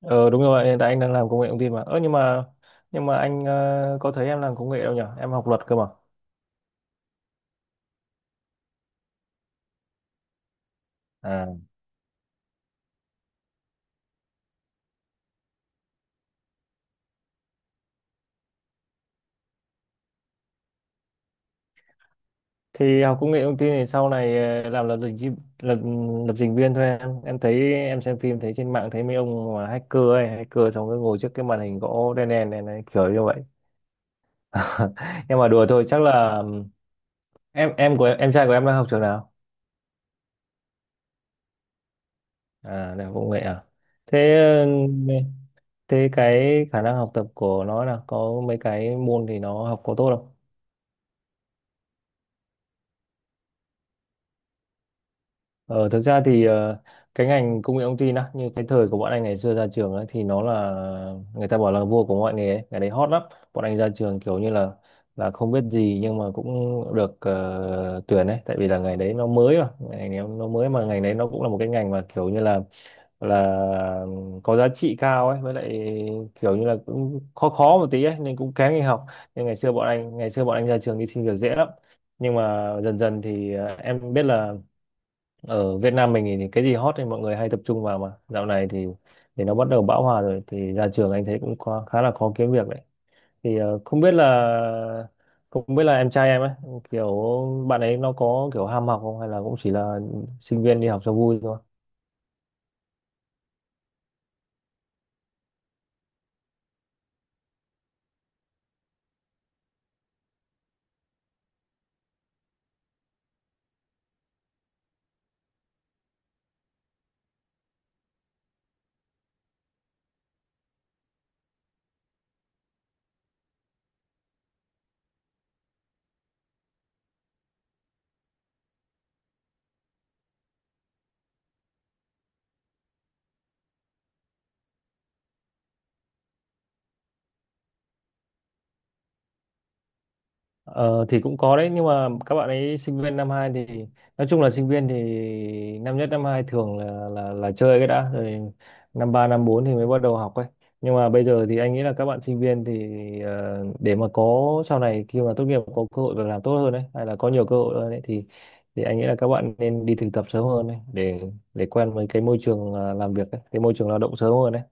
Ờ, đúng rồi, hiện tại anh đang làm công nghệ thông tin mà. Ơ nhưng mà anh có thấy em làm công nghệ đâu nhỉ? Em học luật cơ mà. À. Thì học công nghệ thông tin thì sau này làm lập lập trình viên thôi em. Em thấy em xem phim thấy trên mạng thấy mấy ông mà hacker ấy, hacker xong rồi ngồi trước cái màn hình gỗ đen đen này, kiểu như vậy. Nhưng mà đùa thôi, chắc là em của em trai của em đang học trường nào? À, đại học công nghệ à? Thế ừ, thế cái khả năng học tập của nó là có mấy cái môn thì nó học có tốt không? Ờ, thực ra thì ờ, cái ngành công nghệ thông tin á, như cái thời của bọn anh ngày xưa ra trường ấy, thì nó là người ta bảo là vua của mọi nghề ấy. Cái đấy hot lắm. Bọn anh ra trường kiểu như là không biết gì nhưng mà cũng được tuyển ấy, tại vì là ngày đấy nó mới mà ngày đấy nó mới mà ngày đấy nó cũng là một cái ngành mà kiểu như là là có giá trị cao ấy, với lại kiểu như là cũng khó khó một tí ấy nên cũng kén đi học. Nên ngày xưa bọn anh ra trường đi xin việc dễ lắm, nhưng mà dần dần thì em biết là ở Việt Nam mình thì cái gì hot thì mọi người hay tập trung vào, mà dạo này thì nó bắt đầu bão hòa rồi thì ra trường anh thấy cũng khá là khó kiếm việc đấy. Thì không biết là em trai em ấy, kiểu bạn ấy nó có kiểu ham học không hay là cũng chỉ là sinh viên đi học cho vui thôi. Ờ, thì cũng có đấy, nhưng mà các bạn ấy sinh viên năm 2 thì nói chung là sinh viên thì năm nhất năm 2 thường là chơi cái đã rồi, năm 3 năm 4 thì mới bắt đầu học ấy. Nhưng mà bây giờ thì anh nghĩ là các bạn sinh viên thì để mà có sau này khi mà tốt nghiệp có cơ hội việc làm tốt hơn đấy, hay là có nhiều cơ hội hơn ấy, thì anh nghĩ là các bạn nên đi thực tập sớm hơn đấy, để quen với cái môi trường làm việc ấy, cái môi trường lao động sớm hơn đấy.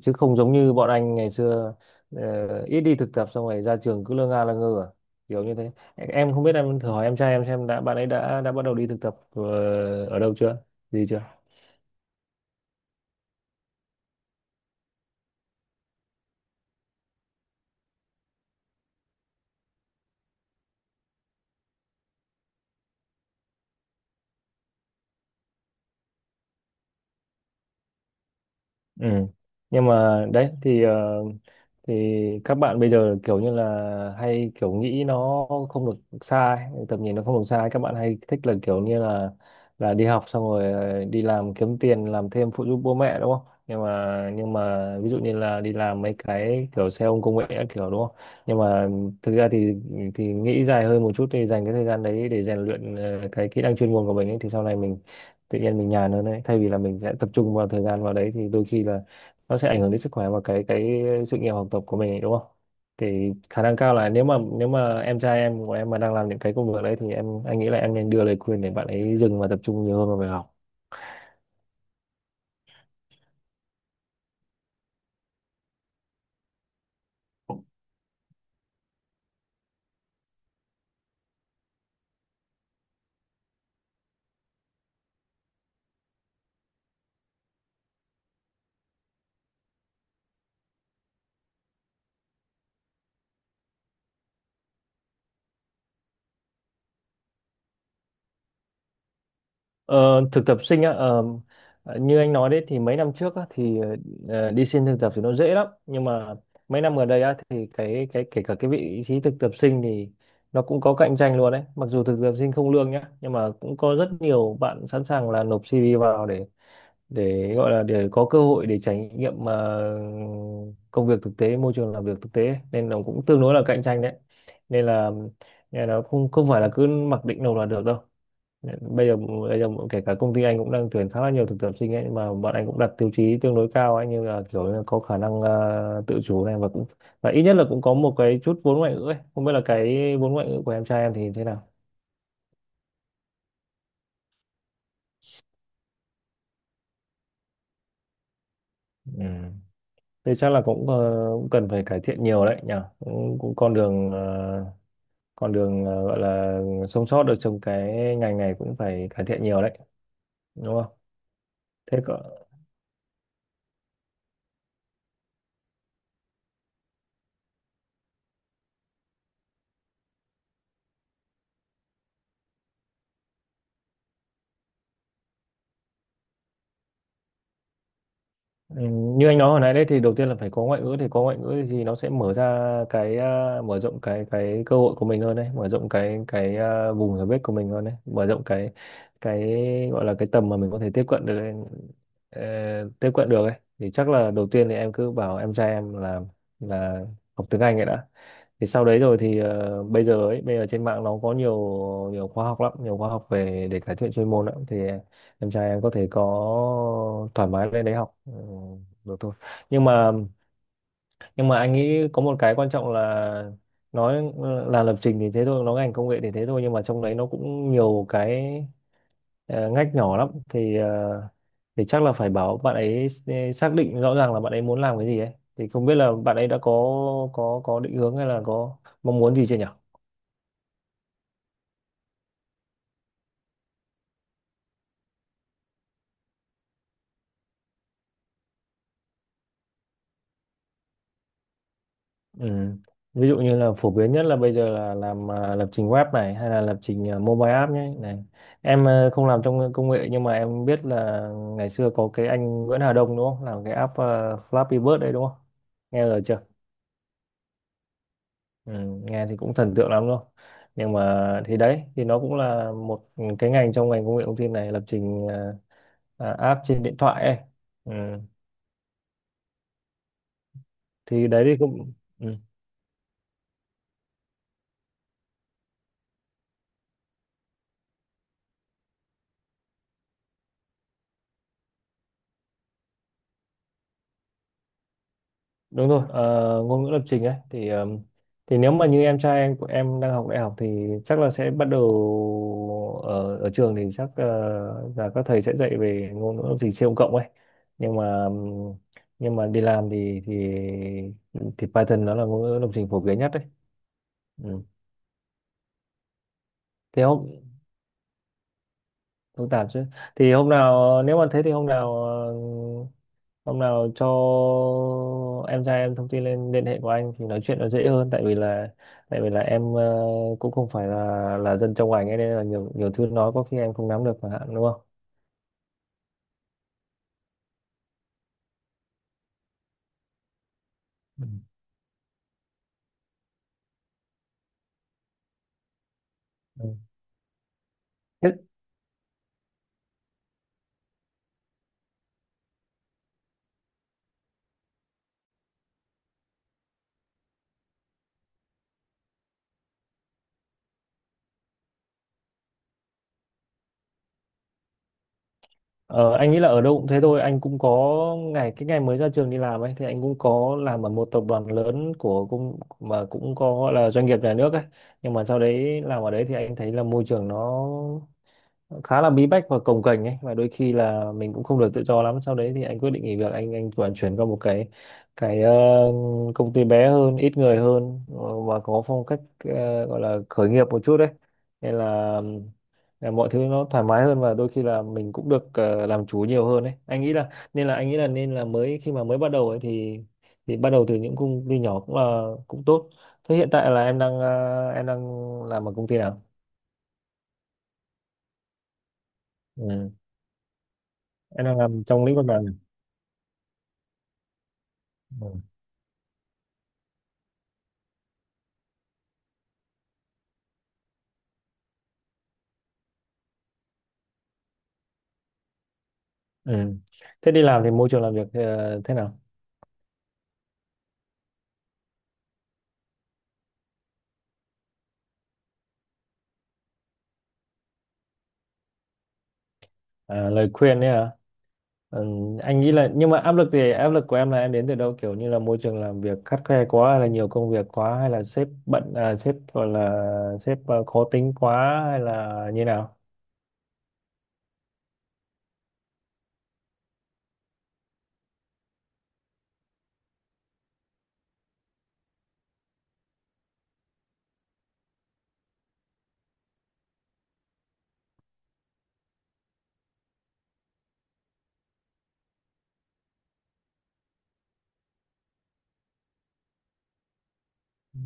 Chứ không giống như bọn anh ngày xưa, ít đi thực tập xong rồi ra trường cứ lơ nga lơ ngơ à, kiểu như thế. Em không biết, em thử hỏi em trai em xem đã, bạn ấy đã bắt đầu đi thực tập ở đâu chưa, gì chưa. Ừ. Nhưng mà đấy thì thì các bạn bây giờ kiểu như là hay kiểu nghĩ nó không được sai, tầm nhìn nó không được sai, các bạn hay thích là kiểu như là đi học xong rồi đi làm kiếm tiền làm thêm phụ giúp bố mẹ đúng không? Nhưng mà ví dụ như là đi làm mấy cái kiểu xe ôm công nghệ các kiểu đúng không? Nhưng mà thực ra thì nghĩ dài hơn một chút thì dành cái thời gian đấy để rèn luyện cái kỹ năng chuyên môn của mình ấy, thì sau này mình tự nhiên mình nhàn hơn đấy, thay vì là mình sẽ tập trung vào thời gian vào đấy thì đôi khi là nó sẽ ảnh hưởng đến sức khỏe và cái sự nghiệp học tập của mình ấy, đúng không? Thì khả năng cao là nếu mà em trai em của em mà đang làm những cái công việc đấy thì anh nghĩ là em nên đưa lời khuyên để bạn ấy dừng và tập trung nhiều hơn vào việc học. Ờ, thực tập sinh á, như anh nói đấy thì mấy năm trước á, thì đi xin thực tập thì nó dễ lắm, nhưng mà mấy năm gần đây á, thì cái kể cả cái vị trí thực tập sinh thì nó cũng có cạnh tranh luôn đấy, mặc dù thực tập sinh không lương nhá, nhưng mà cũng có rất nhiều bạn sẵn sàng là nộp CV vào để gọi là để có cơ hội để trải nghiệm công việc thực tế, môi trường làm việc thực tế, nên nó cũng tương đối là cạnh tranh đấy. Nên là nên là không không phải là cứ mặc định nộp là được đâu. Bây giờ kể cả công ty anh cũng đang tuyển khá là nhiều thực tập sinh ấy, mà bọn anh cũng đặt tiêu chí tương đối cao ấy, như là kiểu như là có khả năng tự chủ này, và cũng và ít nhất là cũng có một cái chút vốn ngoại ngữ ấy. Không biết là cái vốn ngoại ngữ của em trai em thì thế nào. Ừ. Thế chắc là cũng cần phải cải thiện nhiều đấy nhỉ. Cũng con đường gọi là sống sót được trong cái ngành này cũng phải cải thiện nhiều đấy, đúng không. Thế cỡ. Ừ, như anh nói hồi nãy đấy thì đầu tiên là phải có ngoại ngữ, thì có ngoại ngữ thì nó sẽ mở ra cái mở rộng cái cơ hội của mình hơn đấy, mở rộng cái vùng hiểu biết của mình hơn đấy, mở rộng cái gọi là cái tầm mà mình có thể tiếp cận được ấy, ờ, thì chắc là đầu tiên thì em cứ bảo em trai em là là học tiếng Anh ấy đã. Thì sau đấy rồi thì bây giờ ấy, bây giờ trên mạng nó có nhiều nhiều khóa học lắm, nhiều khóa học về để cải thiện chuyên môn lắm, thì em trai em có thể thoải mái lên đấy học được thôi. Nhưng mà anh nghĩ có một cái quan trọng là nói là lập trình thì thế thôi, nói ngành công nghệ thì thế thôi, nhưng mà trong đấy nó cũng nhiều cái ngách nhỏ lắm, thì chắc là phải bảo bạn ấy xác định rõ ràng là bạn ấy muốn làm cái gì ấy. Thì không biết là bạn ấy đã có định hướng hay là có mong muốn gì chưa nhỉ. Ừ. Ví dụ như là phổ biến nhất là bây giờ là làm lập trình web này, hay là lập trình mobile app nhé này. Em không làm trong công nghệ nhưng mà em biết là ngày xưa có cái anh Nguyễn Hà Đông đúng không, làm cái app Flappy Bird đấy đúng không, nghe rồi chưa. Ừ, nghe thì cũng thần tượng lắm luôn. Nhưng mà thì đấy thì nó cũng là một cái ngành trong ngành công nghệ thông tin này, lập trình app trên điện thoại ấy. Ừ. Thì đấy thì cũng. Ừ. Đúng rồi, ngôn ngữ lập trình ấy thì nếu mà như em trai em của em đang học đại học thì chắc là sẽ bắt đầu ở ở trường thì chắc là các thầy sẽ dạy về ngôn ngữ lập trình C cộng ấy. Nhưng mà đi làm thì Python nó là ngôn ngữ lập trình phổ biến nhất đấy. Ừ. thế hôm Phức tạp chứ. Thì hôm nào nếu mà thế thì hôm nào ờ, hôm nào cho em trai em thông tin lên liên hệ của anh thì nói chuyện nó dễ hơn, tại vì là em cũng không phải là dân trong ngành ấy, nên là nhiều nhiều thứ nói có khi em không nắm được chẳng hạn, đúng không. Ừ. Ừ. Thế, ờ, anh nghĩ là ở đâu cũng thế thôi, anh cũng có cái ngày mới ra trường đi làm ấy thì anh cũng có làm ở một tập đoàn lớn của cũng, mà cũng có gọi là doanh nghiệp nhà nước ấy, nhưng mà sau đấy làm ở đấy thì anh thấy là môi trường nó khá là bí bách và cồng kềnh ấy, và đôi khi là mình cũng không được tự do lắm, sau đấy thì anh quyết định nghỉ việc. Anh chuyển chuyển qua một cái cái ờ, công ty bé hơn, ít người hơn và có phong cách gọi là khởi nghiệp một chút đấy, nên là mọi thứ nó thoải mái hơn và đôi khi là mình cũng được làm chủ nhiều hơn đấy. Anh nghĩ là nên là anh nghĩ là nên là mới khi mà mới bắt đầu ấy thì bắt đầu từ những công ty nhỏ cũng là cũng tốt. Thế hiện tại là em đang làm ở công ty nào. Ừ. Em đang làm trong lĩnh vực nào nhỉ? Ừ. Ừ. Thế đi làm thì môi trường làm việc thế nào? À, lời khuyên ấy hả? Ừ, anh nghĩ là, nhưng mà áp lực thì áp lực của em là em đến từ đâu, kiểu như là môi trường làm việc khắt khe quá hay là nhiều công việc quá, hay là sếp bận à, sếp gọi là sếp ờ, khó tính quá hay là như nào? Ừ.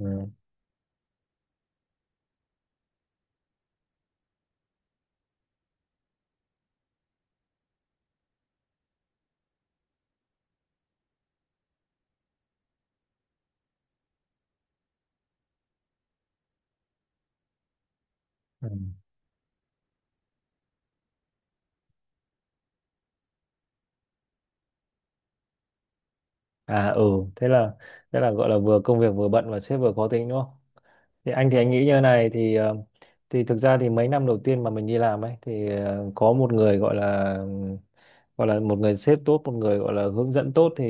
Ừ. Ừ. À, ừ, thế là thế là gọi là vừa công việc vừa bận và sếp vừa khó tính đúng không? Thì anh nghĩ như thế này thì thực ra thì mấy năm đầu tiên mà mình đi làm ấy thì có một người gọi là một người sếp tốt, một người gọi là hướng dẫn tốt thì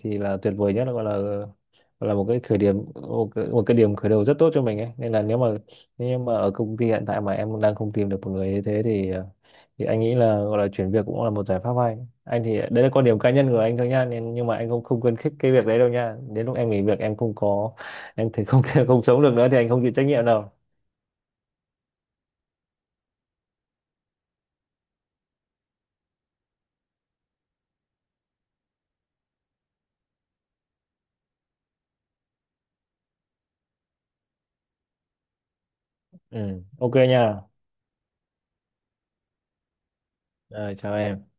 là tuyệt vời nhất, gọi là một cái khởi điểm, một cái điểm khởi đầu rất tốt cho mình ấy, nên là nếu mà ở công ty hiện tại mà em đang không tìm được một người như thế thì anh nghĩ là gọi là chuyển việc cũng là một giải pháp hay. Anh thì đấy là quan điểm cá nhân của anh thôi nha, nên nhưng mà anh không không khuyến khích cái việc đấy đâu nha, đến lúc em nghỉ việc em không có thì không thể không sống được nữa thì anh không chịu trách nhiệm đâu. Ừ, ok nha. Rồi chào em.